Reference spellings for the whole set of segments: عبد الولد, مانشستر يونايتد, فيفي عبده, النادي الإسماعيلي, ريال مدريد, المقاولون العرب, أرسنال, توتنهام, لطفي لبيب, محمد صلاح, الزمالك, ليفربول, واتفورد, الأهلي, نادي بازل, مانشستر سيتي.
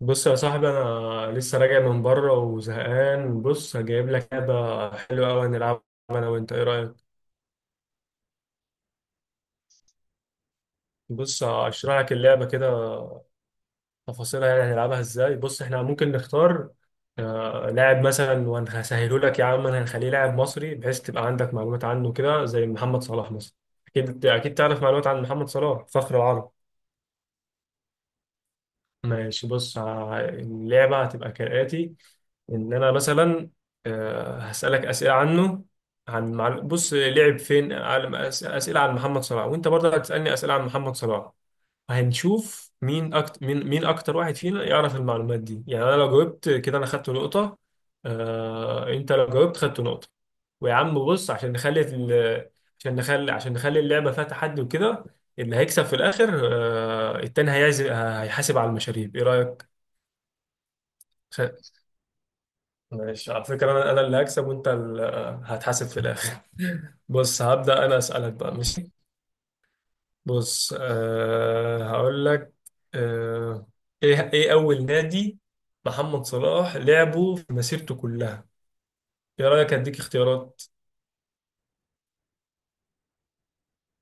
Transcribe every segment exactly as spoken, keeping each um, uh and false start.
بص يا صاحبي، انا لسه راجع من بره وزهقان. بص هجيب لك لعبه حلوه قوي هنلعبها انا وانت. ايه رايك؟ بص هشرح لك اللعبه كده، تفاصيلها يعني هنلعبها ازاي. بص احنا ممكن نختار آه، لاعب مثلا، وهسهله لك يا عم. انا هنخليه لاعب مصري بحيث تبقى عندك معلومات عنه كده، زي محمد صلاح مثلا. اكيد اكيد تعرف معلومات عن محمد صلاح فخر العرب. ماشي بص ه- اللعبه هتبقى كالاتي. ان انا مثلا آه، هسالك اسئله عنه، عن مع- بص لعب فين على- أس- اسئله عن محمد صلاح، وانت برضه هتسالني اسئله عن محمد صلاح. هنشوف مين اكتر، مين مين اكتر واحد فينا يعرف المعلومات دي. يعني انا لو جاوبت كده انا خدت نقطه، آه، انت لو جاوبت خدت نقطه. ويا عم بص عشان نخلي ال- عشان نخلي عشان نخلي اللعبه فيها تحدي وكده، اللي هيكسب في الاخر آه، التاني هيعزم هيحاسب على المشاريب. ايه رايك؟ ماشي على فكرة، أنا أنا اللي هكسب وأنت اللي هتحاسب في الآخر. بص هبدأ أنا أسألك بقى، ماشي. بص أه هقول لك. أه إيه إيه أول نادي محمد صلاح لعبه في مسيرته كلها؟ إيه رأيك، أديك اختيارات.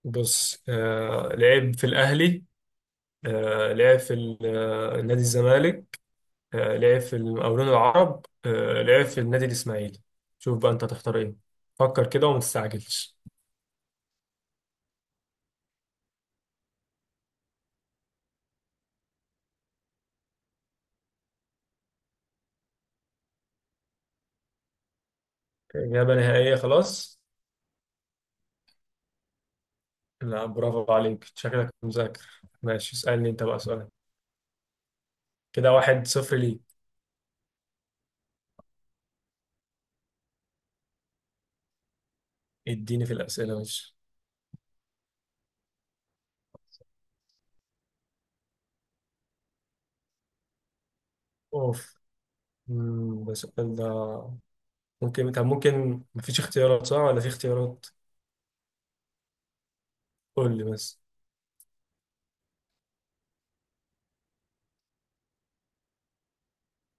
بص أه لعب في الأهلي، أه لعب في ال- آه، نادي الزمالك، أه لعب في المقاولون العرب، أه لعب في النادي الإسماعيلي. شوف بقى أنت هتختار إيه. فكر كده وما تستعجلش. إجابة نهائية؟ خلاص. لا، برافو عليك، شكلك مذاكر. ماشي، اسألني أنت بقى سؤال. كده واحد صفر ليك. اديني في الأسئلة، ماشي. أوف. مم، ده السؤال ده؟ ممكن، طب ممكن مفيش اختيارات، صح ولا في اختيارات؟ قول لي بس.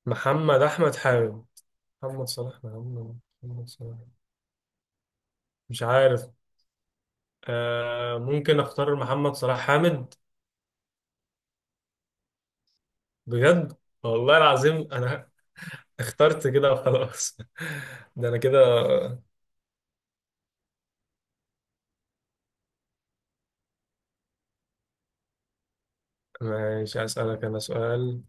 محمد أحمد حاجة. محمد صلاح، محمد محمد صلاح. مش عارف. آه ممكن أختار محمد صلاح حامد. بجد؟ والله العظيم أنا اخترت كده وخلاص. ده أنا كده. ماشي، أسألك أنا سؤال.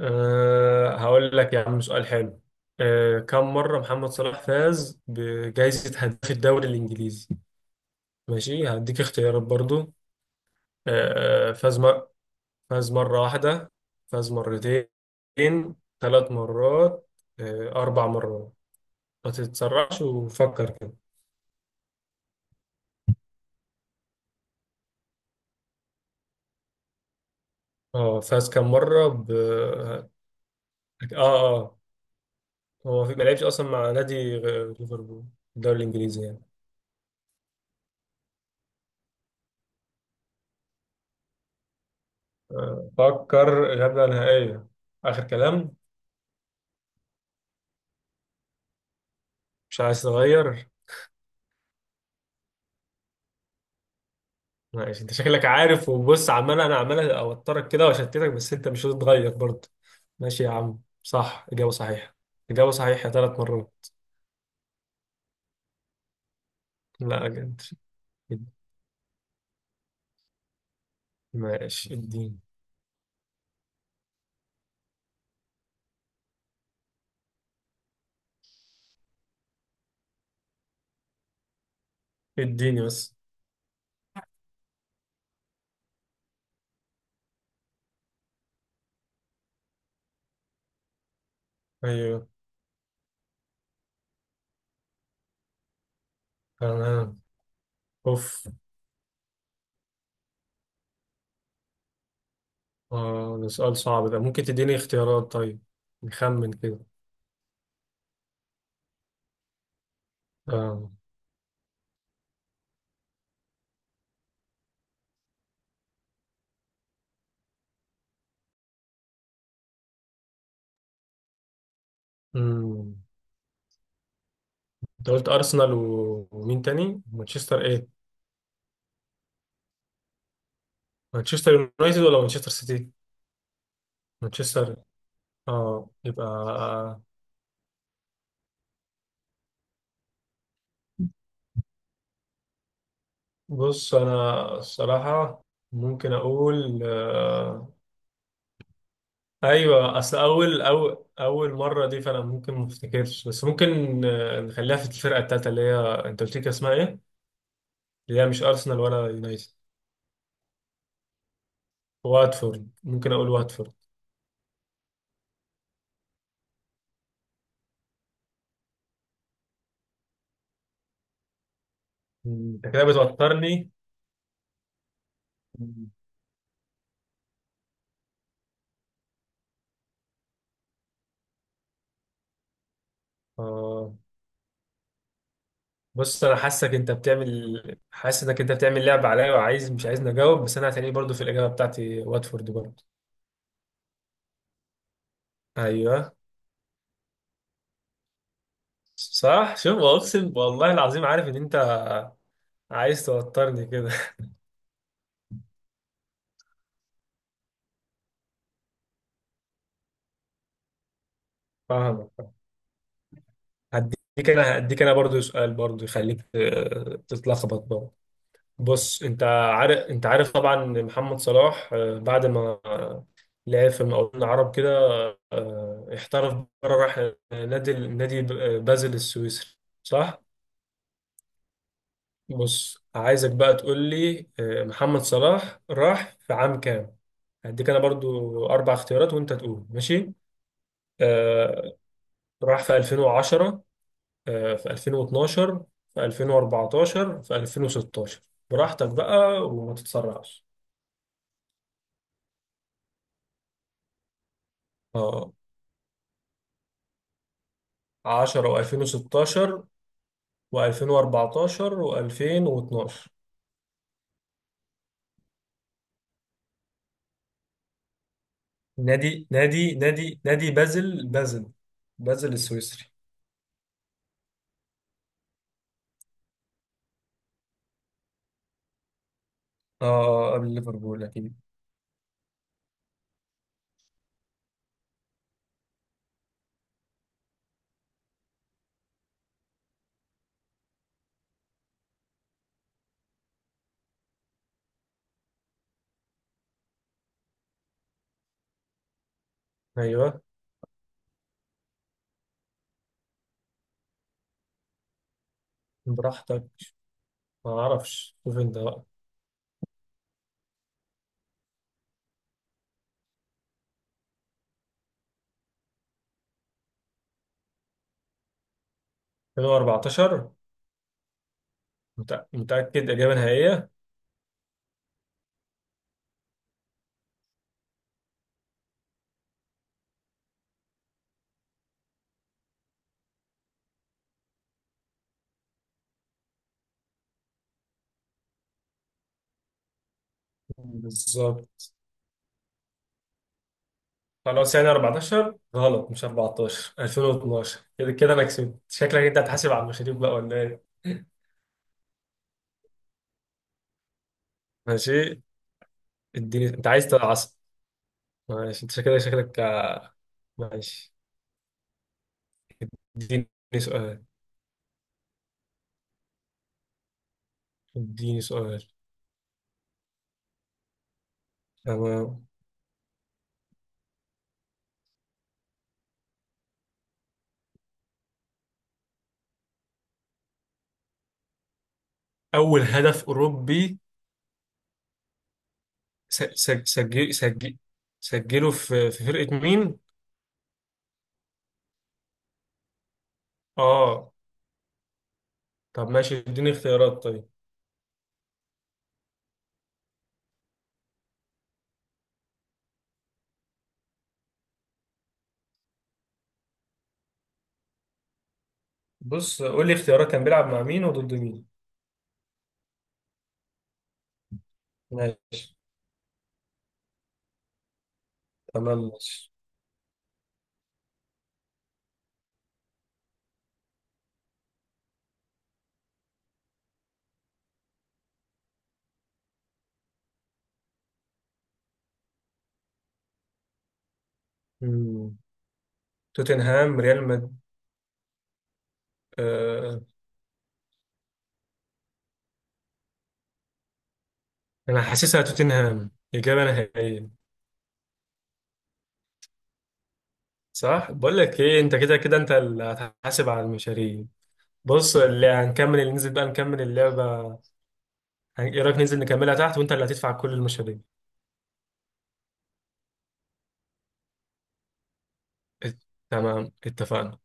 أه هقول لك يا عم سؤال حلو. أه كم مرة محمد صلاح فاز بجائزة هداف الدوري الإنجليزي؟ ماشي هديك اختيارات برضو. أه آه، فاز مر... فاز مرة واحدة، فاز مرتين، ثلاث مرات، أه أربع مرات. ما تتسرعش وفكر كده. اه فاز كم مرة ب اه اه آه. هو في- ما لعبش أصلا مع نادي غ- ليفربول، الدوري الإنجليزي يعني. فكر إجابة نهائية، آخر كلام. مش عايز تغير؟ ماشي، أنت شكلك عارف، وبص عمال أنا عمال أوترك كده وأشتتك، بس أنت مش هتتغير برضه. ماشي يا عم، صح إجابة صحيحة. إجابة صحيحة ثلاث مرات. لا جد. ماشي اديني اديني بس. أيوه، تمام. أوف. آه، ده سؤال صعب ده، ممكن تديني اختيارات طيب، نخمن كده. آه. أمم. أنت قلت أرسنال و- ومين تاني؟ مانشستر إيه؟ مانشستر يونايتد ولا مانشستر سيتي؟ مانشستر. اه يبقى آه، بص انا الصراحة ممكن اقول آه ايوه اصل اول اول اول مرة دي، فانا ممكن ما افتكرش، بس ممكن آه، نخليها في الفرقة التالتة اللي هي، انت قلت لي كان اسمها ايه؟ اللي هي مش ارسنال ولا يونايتد. واتفورد، ممكن اقول واتفورد. مم، انت كده بتوترني. مم. آه. بص انا حاسك انت بتعمل حاسس انك انت بتعمل لعبه عليا، وعايز مش عايزني اجاوب، بس انا هتلاقيه برضو في الاجابه بتاعتي واتفورد برضو. ايوه صح، شوف، اقسم والله العظيم عارف ان انت عايز توترني كده. فاهمك. هديك انا هديك انا برضو سؤال برضو يخليك آه، تتلخبط برضو. بص انت عارف انت عارف طبعا إن محمد صلاح آه، بعد ما لعب في المقاولون العرب كده آه، احترف بره، راح نادي نادي بازل السويسري، صح؟ بص عايزك بقى تقول لي آه، محمد صلاح راح في عام كام. هديك انا برضو اربع اختيارات وانت تقول ماشي. آه راح في الفين وعشرة، آه في الفين واتناشر، في الفين واربعتاشر، في الفين وستاشر. براحتك بقى وما تتسرعش. اه عشرة و2016 و2014 و2012. نادي نادي نادي نادي بازل بازل، بازل السويسري. اه قبل ليفربول اكيد. ايوه براحتك، ما اعرفش، شوف انت بقى. الفين واربعة عشر متأ- متأكد، إجابة نهائية؟ بالظبط. خلاص يعني اربعتاشر غلط، مش اربعتاشر، الفين واتناشر. كده كده انا كسبت، شكلك انت هتحاسب على المشاريب بقى، ولا ايه؟ ماشي اديني، انت عايز تعصب. ماشي، انت شكلك شكلك آه، ماشي اديني سؤال. اديني سؤال. تمام. اول هدف اوروبي س- س- سجل سجل سجله في في فرقة مين. اه طب ماشي اديني اختيارات طيب. بص قول لي اختيارات كان بيلعب مع مين وضد مين. ماشي. تمام ماشي. مم. توتنهام ريال مد. آه. انا حاسسها توتنهام، اجابه نهائيه. صح. بقول لك ايه، انت كده كده انت اللي هتحاسب على المشاريع. بص اللي هنكمل، اللي ننزل بقى نكمل اللعبه، هن- ايه رايك ننزل نكملها تحت وانت اللي هتدفع كل المشاريع. ات- تمام اتفقنا.